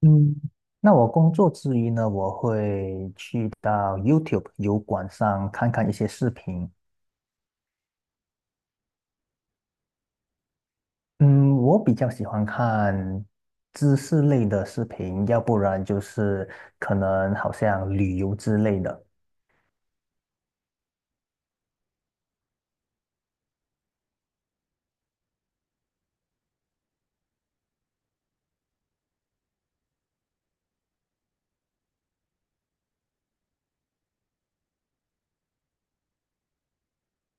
嗯，那我工作之余呢，我会去到 YouTube 油管上看看一些视频。嗯，我比较喜欢看知识类的视频，要不然就是可能好像旅游之类的。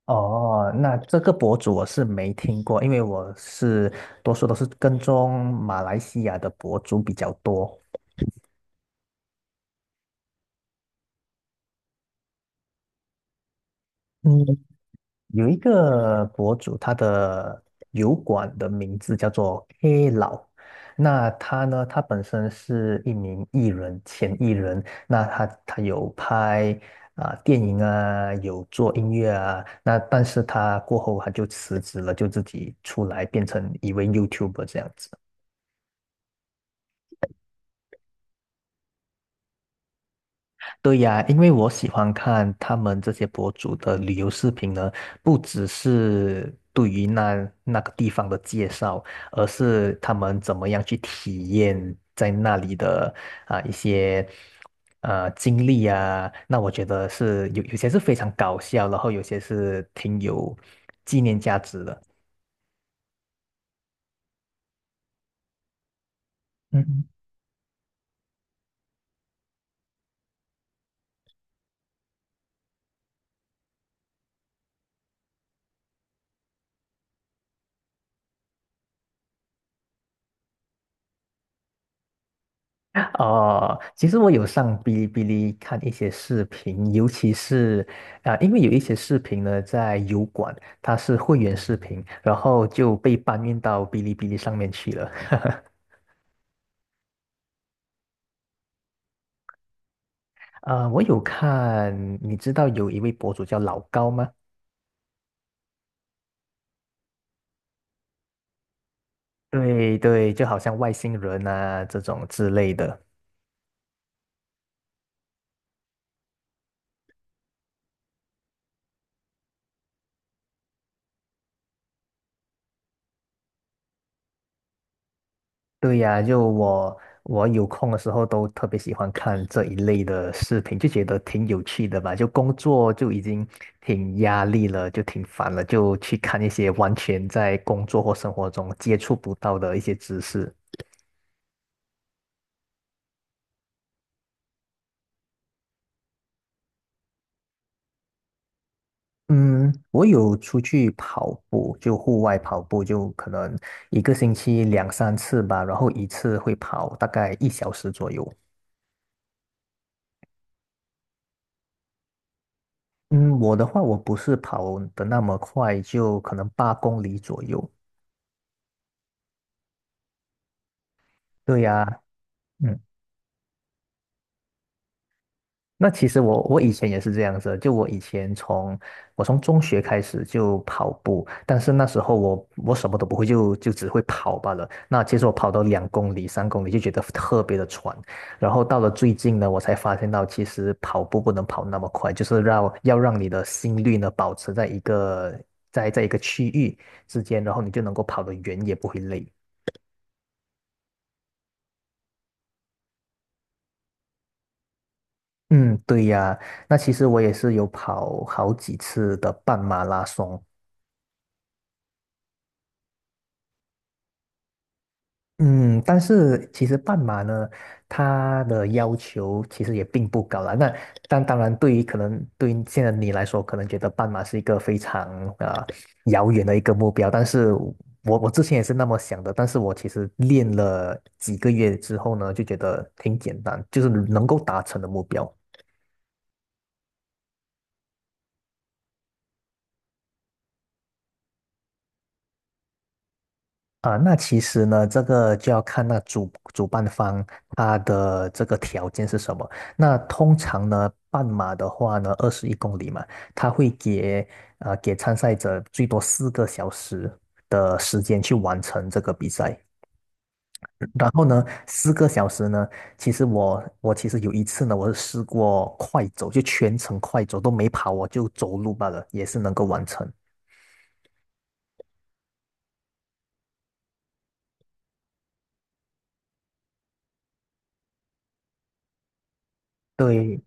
哦，那这个博主我是没听过，因为多数都是跟踪马来西亚的博主比较多。嗯，有一个博主，他的油管的名字叫做 K 老。那他呢？他本身是一名艺人，前艺人。那他有拍啊、电影啊，有做音乐啊。那但是他过后他就辞职了，就自己出来变成一位 YouTuber 这样子。对呀，因为我喜欢看他们这些博主的旅游视频呢，不只是对于那个地方的介绍，而是他们怎么样去体验在那里的啊、一些经历啊。那我觉得是有些是非常搞笑，然后有些是挺有纪念价值的。嗯。哦，其实我有上哔哩哔哩看一些视频，尤其是啊、因为有一些视频呢在油管，它是会员视频，然后就被搬运到哔哩哔哩上面去了。啊，我有看，你知道有一位博主叫老高吗？对对，就好像外星人啊这种之类的。对呀，就我有空的时候都特别喜欢看这一类的视频，就觉得挺有趣的吧。就工作就已经挺压力了，就挺烦了，就去看一些完全在工作或生活中接触不到的一些知识。嗯，我有出去跑步，就户外跑步，就可能一个星期两三次吧，然后一次会跑大概一小时左右。嗯，我的话我不是跑的那么快，就可能8公里左右。对呀，嗯，那其实我以前也是这样子的就我从中学开始就跑步，但是那时候我什么都不会，就只会跑罢了。那其实我跑到2公里、3公里就觉得特别的喘，然后到了最近呢，我才发现到其实跑步不能跑那么快，就是要让你的心率呢保持在一个区域之间，然后你就能够跑得远，也不会累。嗯，对呀，那其实我也是有跑好几次的半马拉松。嗯，但是其实半马呢，它的要求其实也并不高啦。那但当然，对于可能对于现在你来说，可能觉得半马是一个非常呃遥远的一个目标。但是我之前也是那么想的，但是我其实练了几个月之后呢，就觉得挺简单，就是能够达成的目标。啊，那其实呢，这个就要看那个主办方他的这个条件是什么。那通常呢，半马的话呢，21公里嘛，他会给啊、给参赛者最多四个小时的时间去完成这个比赛。然后呢，四个小时呢，其实我其实有一次呢，我是试过快走，就全程快走都没跑，我就走路罢了，也是能够完成。对，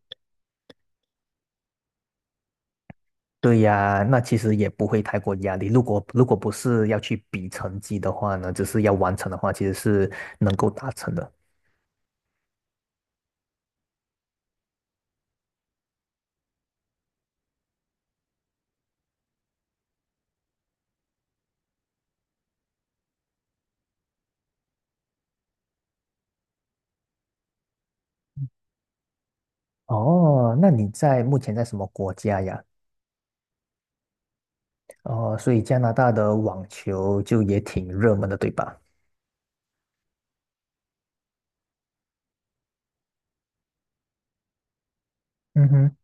对呀，那其实也不会太过压力。如果不是要去比成绩的话呢，只是要完成的话，其实是能够达成的。哦，那你在目前在什么国家呀？哦，所以加拿大的网球就也挺热门的，对吧？嗯哼，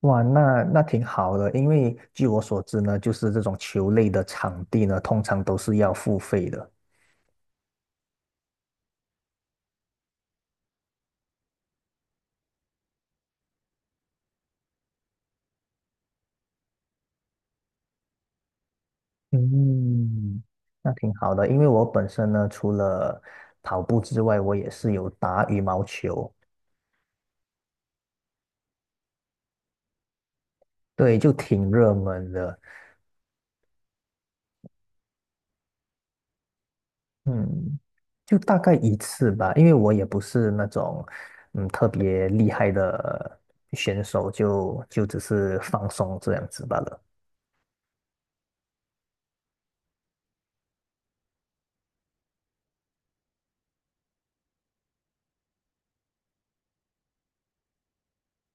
哇，那那挺好的，因为据我所知呢，就是这种球类的场地呢，通常都是要付费的。嗯，那挺好的，因为我本身呢，除了跑步之外，我也是有打羽毛球。对，就挺热门的，嗯，就大概一次吧，因为我也不是那种特别厉害的选手，就只是放松这样子罢了。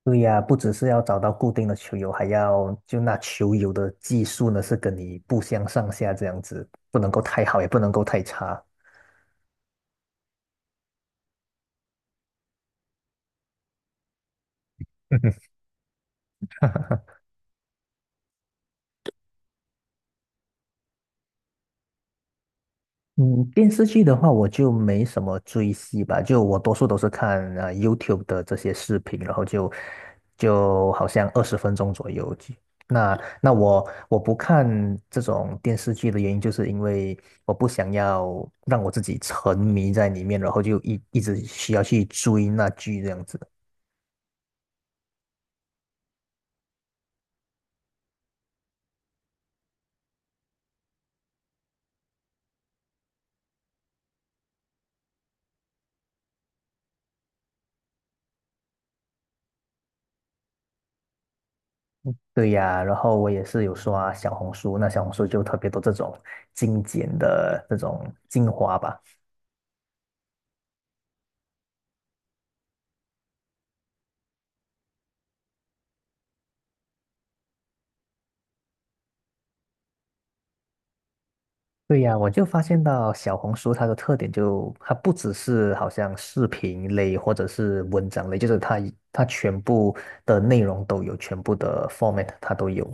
对呀，不只是要找到固定的球友，还要就那球友的技术呢是跟你不相上下这样子，不能够太好，也不能够太差。嗯，电视剧的话，我就没什么追戏吧，就我多数都是看YouTube 的这些视频，然后就好像20分钟左右就。那我不看这种电视剧的原因，就是因为我不想要让我自己沉迷在里面，然后就一直需要去追那剧这样子。对呀，然后我也是有刷小红书，那小红书就特别多这种精简的这种精华吧。对呀，我就发现到小红书它的特点就，它不只是好像视频类或者是文章类，就是它全部的内容都有，全部的 format 它都有。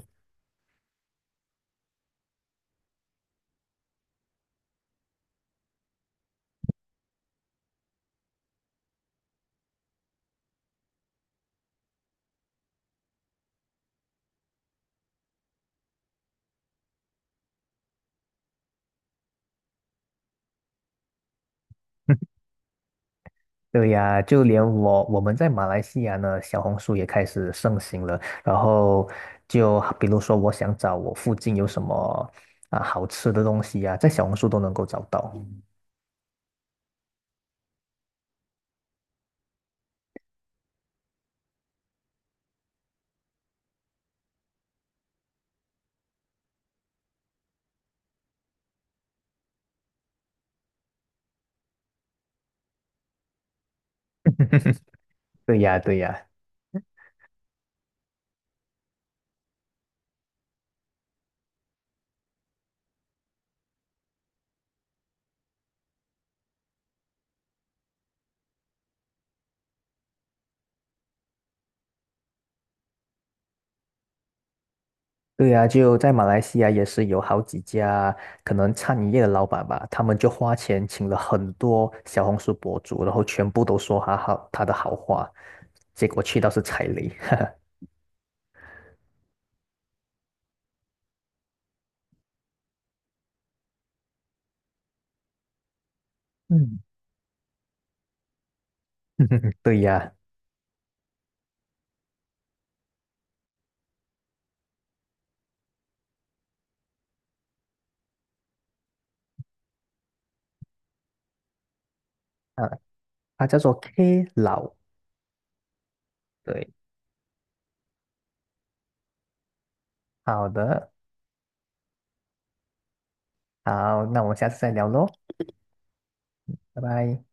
对呀，就连我们在马来西亚呢，小红书也开始盛行了。然后就比如说，我想找我附近有什么啊好吃的东西呀，在小红书都能够找到。对呀，对呀。对呀，就在马来西亚也是有好几家可能餐饮业的老板吧，他们就花钱请了很多小红书博主，然后全部都说他好他的好话，结果去到是踩雷。嗯，对呀，啊，他叫做 K 老，对，好的，好，那我们下次再聊喽，拜拜。